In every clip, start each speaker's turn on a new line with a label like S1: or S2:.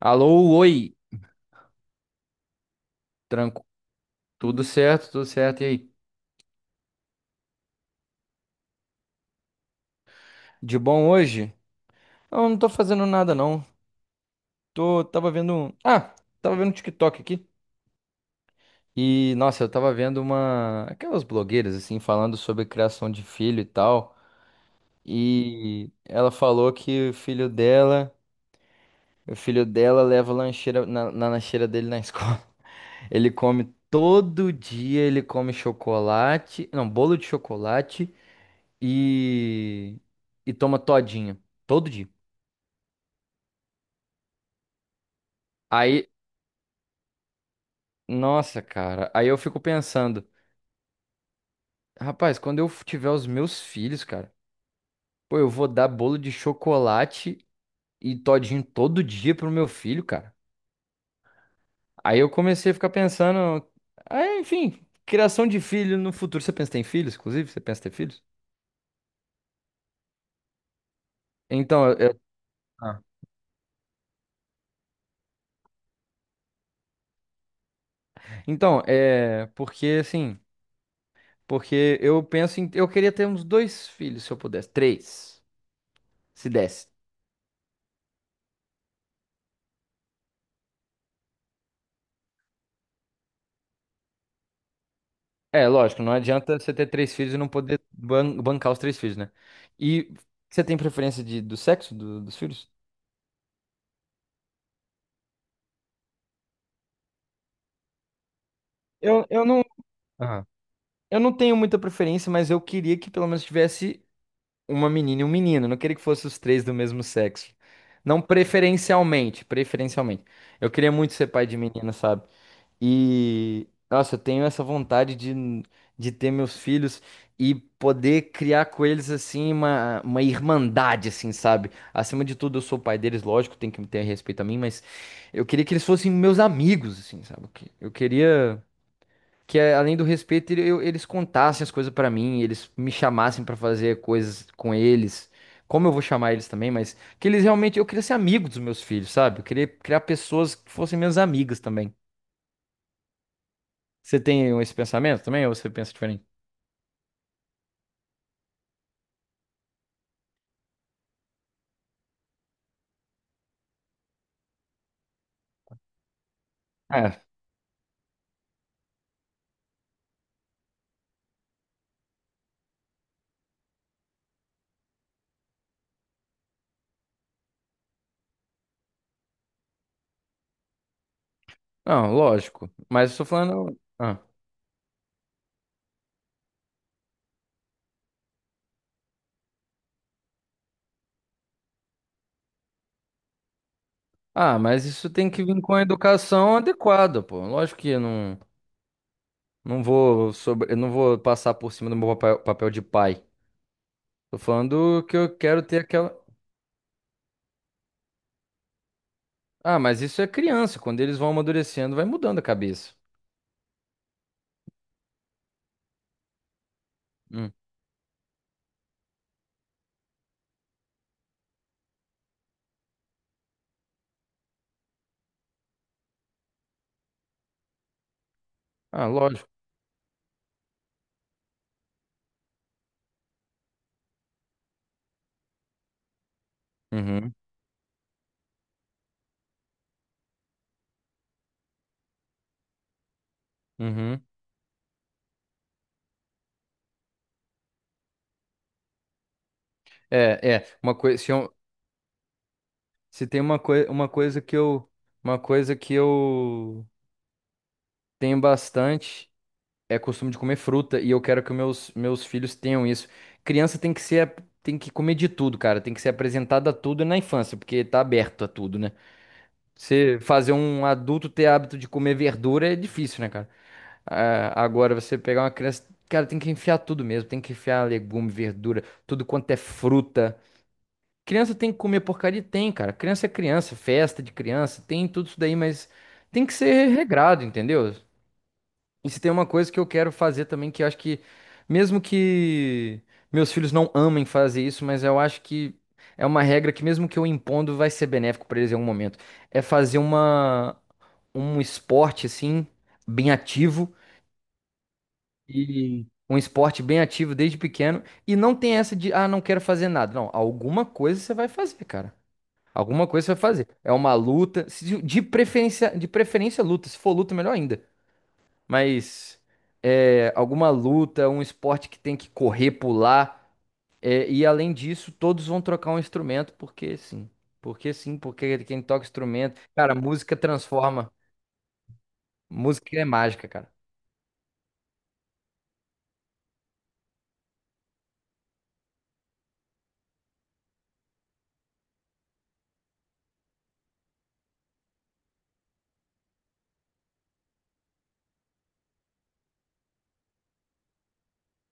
S1: Alô, oi, tranco. Tudo certo, tudo certo. E aí? De bom hoje? Não, não tô fazendo nada não. Tô, tava vendo, um- ah, tava vendo um TikTok aqui. E nossa, eu tava vendo uma aquelas blogueiras assim falando sobre criação de filho e tal. E ela falou que o filho dela leva lancheira na lancheira dele na escola. Ele come todo dia, ele come chocolate, não, bolo de chocolate e e toma todinho. Todo dia. Aí, nossa, cara, aí eu fico pensando, rapaz, quando eu tiver os meus filhos, cara, pô, eu vou dar bolo de chocolate e todinho todo dia pro meu filho, cara. Aí eu comecei a ficar pensando, aí, enfim, criação de filho no futuro. Você pensa em ter filhos, inclusive? Você pensa em ter filhos? Então, eu- Ah. então, é porque assim, porque eu penso em, eu queria ter uns dois filhos se eu pudesse, três, se desse. É, lógico, não adianta você ter três filhos e não poder bancar os três filhos, né? E você tem preferência de, do dos filhos? Eu não, Aham. Eu não tenho muita preferência, mas eu queria que pelo menos tivesse uma menina e um menino. Eu não queria que fossem os três do mesmo sexo. Não preferencialmente, preferencialmente. Eu queria muito ser pai de menina, sabe? E, nossa, eu tenho essa vontade de ter meus filhos e poder criar com eles, assim, uma irmandade, assim, sabe? Acima de tudo, eu sou o pai deles, lógico, tem que ter respeito a mim, mas eu queria que eles fossem meus amigos, assim, sabe? Eu queria que, além do respeito, eles contassem as coisas pra mim, eles me chamassem pra fazer coisas com eles. Como eu vou chamar eles também, mas que eles realmente. Eu queria ser amigo dos meus filhos, sabe? Eu queria criar pessoas que fossem minhas amigas também. Você tem esse pensamento também ou você pensa diferente? É. Não, lógico. Mas eu estou falando. Ah. Ah, mas isso tem que vir com a educação adequada, pô. Lógico que eu não, não vou sobre, eu não vou passar por cima do meu papel, papel de pai. Tô falando que eu quero ter aquela. Ah, mas isso é criança. Quando eles vão amadurecendo, vai mudando a cabeça. Hum. Ah, lógico. Uhum, uhum. É, é. Uma coisa. Se tem uma, coi uma coisa que eu. Uma coisa que eu tenho bastante. É costume de comer fruta e eu quero que meus filhos tenham isso. Criança tem que ser, tem que comer de tudo, cara. Tem que ser apresentada a tudo na infância, porque tá aberto a tudo, né? Você fazer um adulto ter hábito de comer verdura é difícil, né, cara? Ah, agora você pegar uma criança, cara, tem que enfiar tudo mesmo, tem que enfiar legume, verdura, tudo quanto é fruta. Criança tem que comer porcaria? Tem, cara. Criança é criança, festa de criança, tem tudo isso daí, mas tem que ser regrado, entendeu? E se tem uma coisa que eu quero fazer também, que eu acho que, mesmo que meus filhos não amem fazer isso, mas eu acho que é uma regra que, mesmo que eu impondo, vai ser benéfico para eles em algum momento. É um esporte, assim, bem ativo. E um esporte bem ativo desde pequeno. E não tem essa de, ah, não quero fazer nada. Não, alguma coisa você vai fazer, cara. Alguma coisa você vai fazer. É uma luta, de preferência luta. Se for luta, melhor ainda. Mas é, alguma luta, um esporte que tem que correr, pular, e além disso, todos vão trocar um instrumento, porque sim. Porque sim, porque quem toca instrumento. Cara, música transforma. Música é mágica, cara.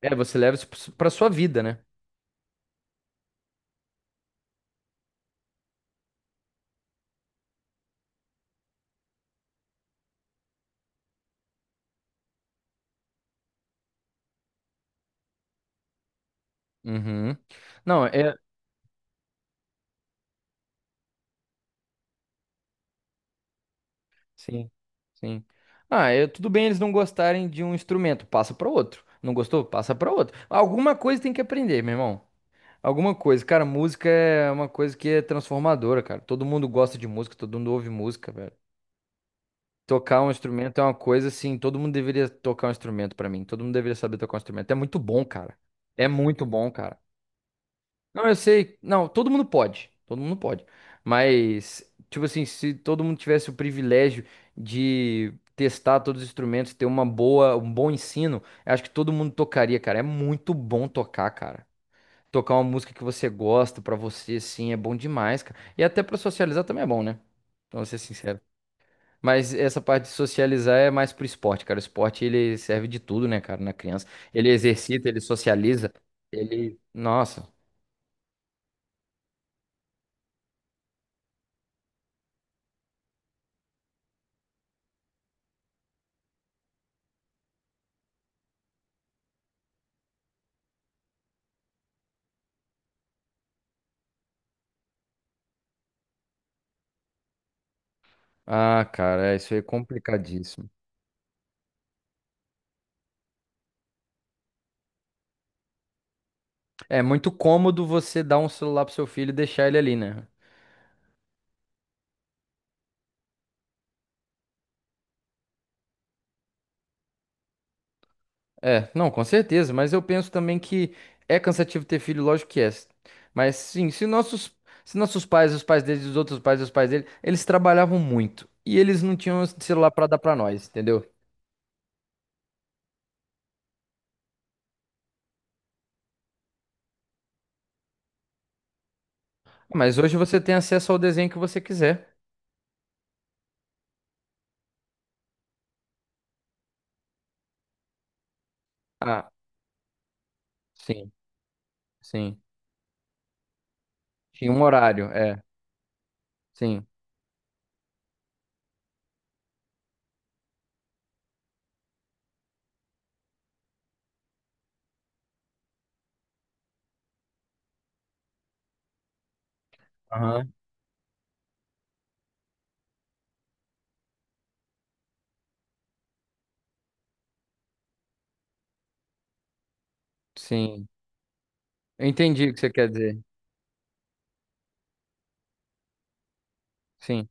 S1: É, você leva isso pra sua vida, né? Uhum. Não, é. Sim, sim. Ah, é, tudo bem eles não gostarem de um instrumento, passa para outro. Não gostou? Passa para outro. Alguma coisa tem que aprender, meu irmão. Alguma coisa, cara, música é uma coisa que é transformadora, cara. Todo mundo gosta de música, todo mundo ouve música, velho. Tocar um instrumento é uma coisa assim, todo mundo deveria tocar um instrumento pra mim, todo mundo deveria saber tocar um instrumento. É muito bom, cara. É muito bom, cara. Não, eu sei, não, todo mundo pode, todo mundo pode. Mas, tipo assim, se todo mundo tivesse o privilégio de testar todos os instrumentos, ter um bom ensino, eu acho que todo mundo tocaria, cara. É muito bom tocar, cara. Tocar uma música que você gosta pra você, assim, é bom demais, cara. E até pra socializar também é bom, né? Pra ser sincero. Mas essa parte de socializar é mais pro esporte, cara. O esporte, ele serve de tudo, né, cara, na criança. Ele exercita, ele socializa, ele... Nossa. Ah, cara, isso aí é complicadíssimo. É muito cômodo você dar um celular pro seu filho e deixar ele ali, né? É, não, com certeza, mas eu penso também que é cansativo ter filho, lógico que é. Mas sim, se nossos pais, os pais deles, os outros pais, os pais deles, eles trabalhavam muito e eles não tinham celular pra dar pra nós, entendeu? Ah, mas hoje você tem acesso ao desenho que você quiser. Ah, sim, sim. Tinha um horário, é, sim. Aham. Sim. Eu entendi o que você quer dizer. Sim.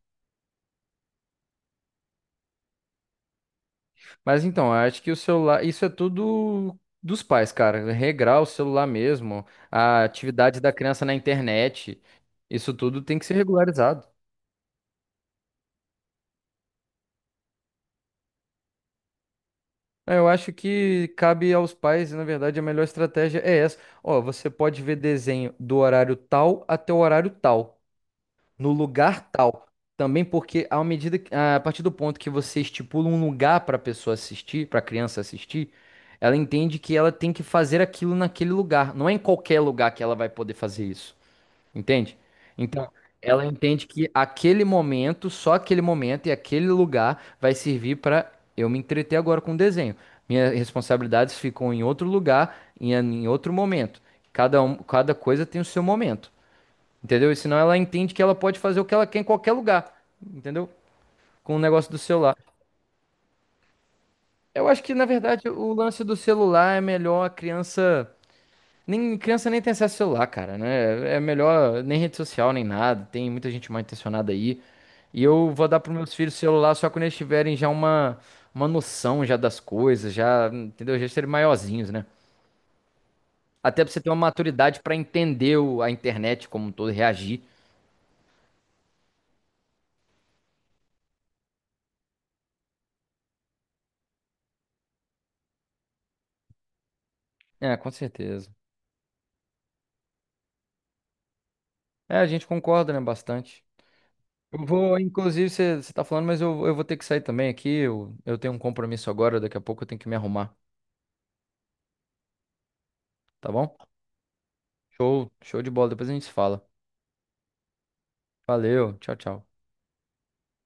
S1: Mas então, eu acho que o celular, isso é tudo dos pais, cara. Regrar o celular mesmo, a atividade da criança na internet, isso tudo tem que ser regularizado. É. Eu acho que cabe aos pais, e na verdade a melhor estratégia é essa. Ó, você pode ver desenho do horário tal até o horário tal, no lugar tal. Também porque a partir do ponto que você estipula um lugar para a pessoa assistir, para a criança assistir, ela entende que ela tem que fazer aquilo naquele lugar. Não é em qualquer lugar que ela vai poder fazer isso, entende? Então, ela entende que aquele momento, só aquele momento e aquele lugar vai servir para eu me entreter agora com o desenho. Minhas responsabilidades ficam em outro lugar, em outro momento. Cada coisa tem o seu momento. Entendeu? E senão ela entende que ela pode fazer o que ela quer em qualquer lugar. Entendeu? Com o negócio do celular. Eu acho que, na verdade, o lance do celular é melhor a criança. Nem, criança nem tem acesso ao celular, cara, né? É melhor nem rede social, nem nada. Tem muita gente mal intencionada aí. E eu vou dar pros meus filhos celular só quando eles tiverem já uma noção já das coisas, já, entendeu? Já serem maiorzinhos, né? Até pra você ter uma maturidade pra entender a internet como um todo, e reagir. É, com certeza. É, a gente concorda, né, bastante. Eu vou, inclusive, você tá falando, mas eu vou ter que sair também aqui. Eu tenho um compromisso agora, daqui a pouco eu tenho que me arrumar, tá bom? Show, show de bola, depois a gente se fala. Valeu, tchau, tchau.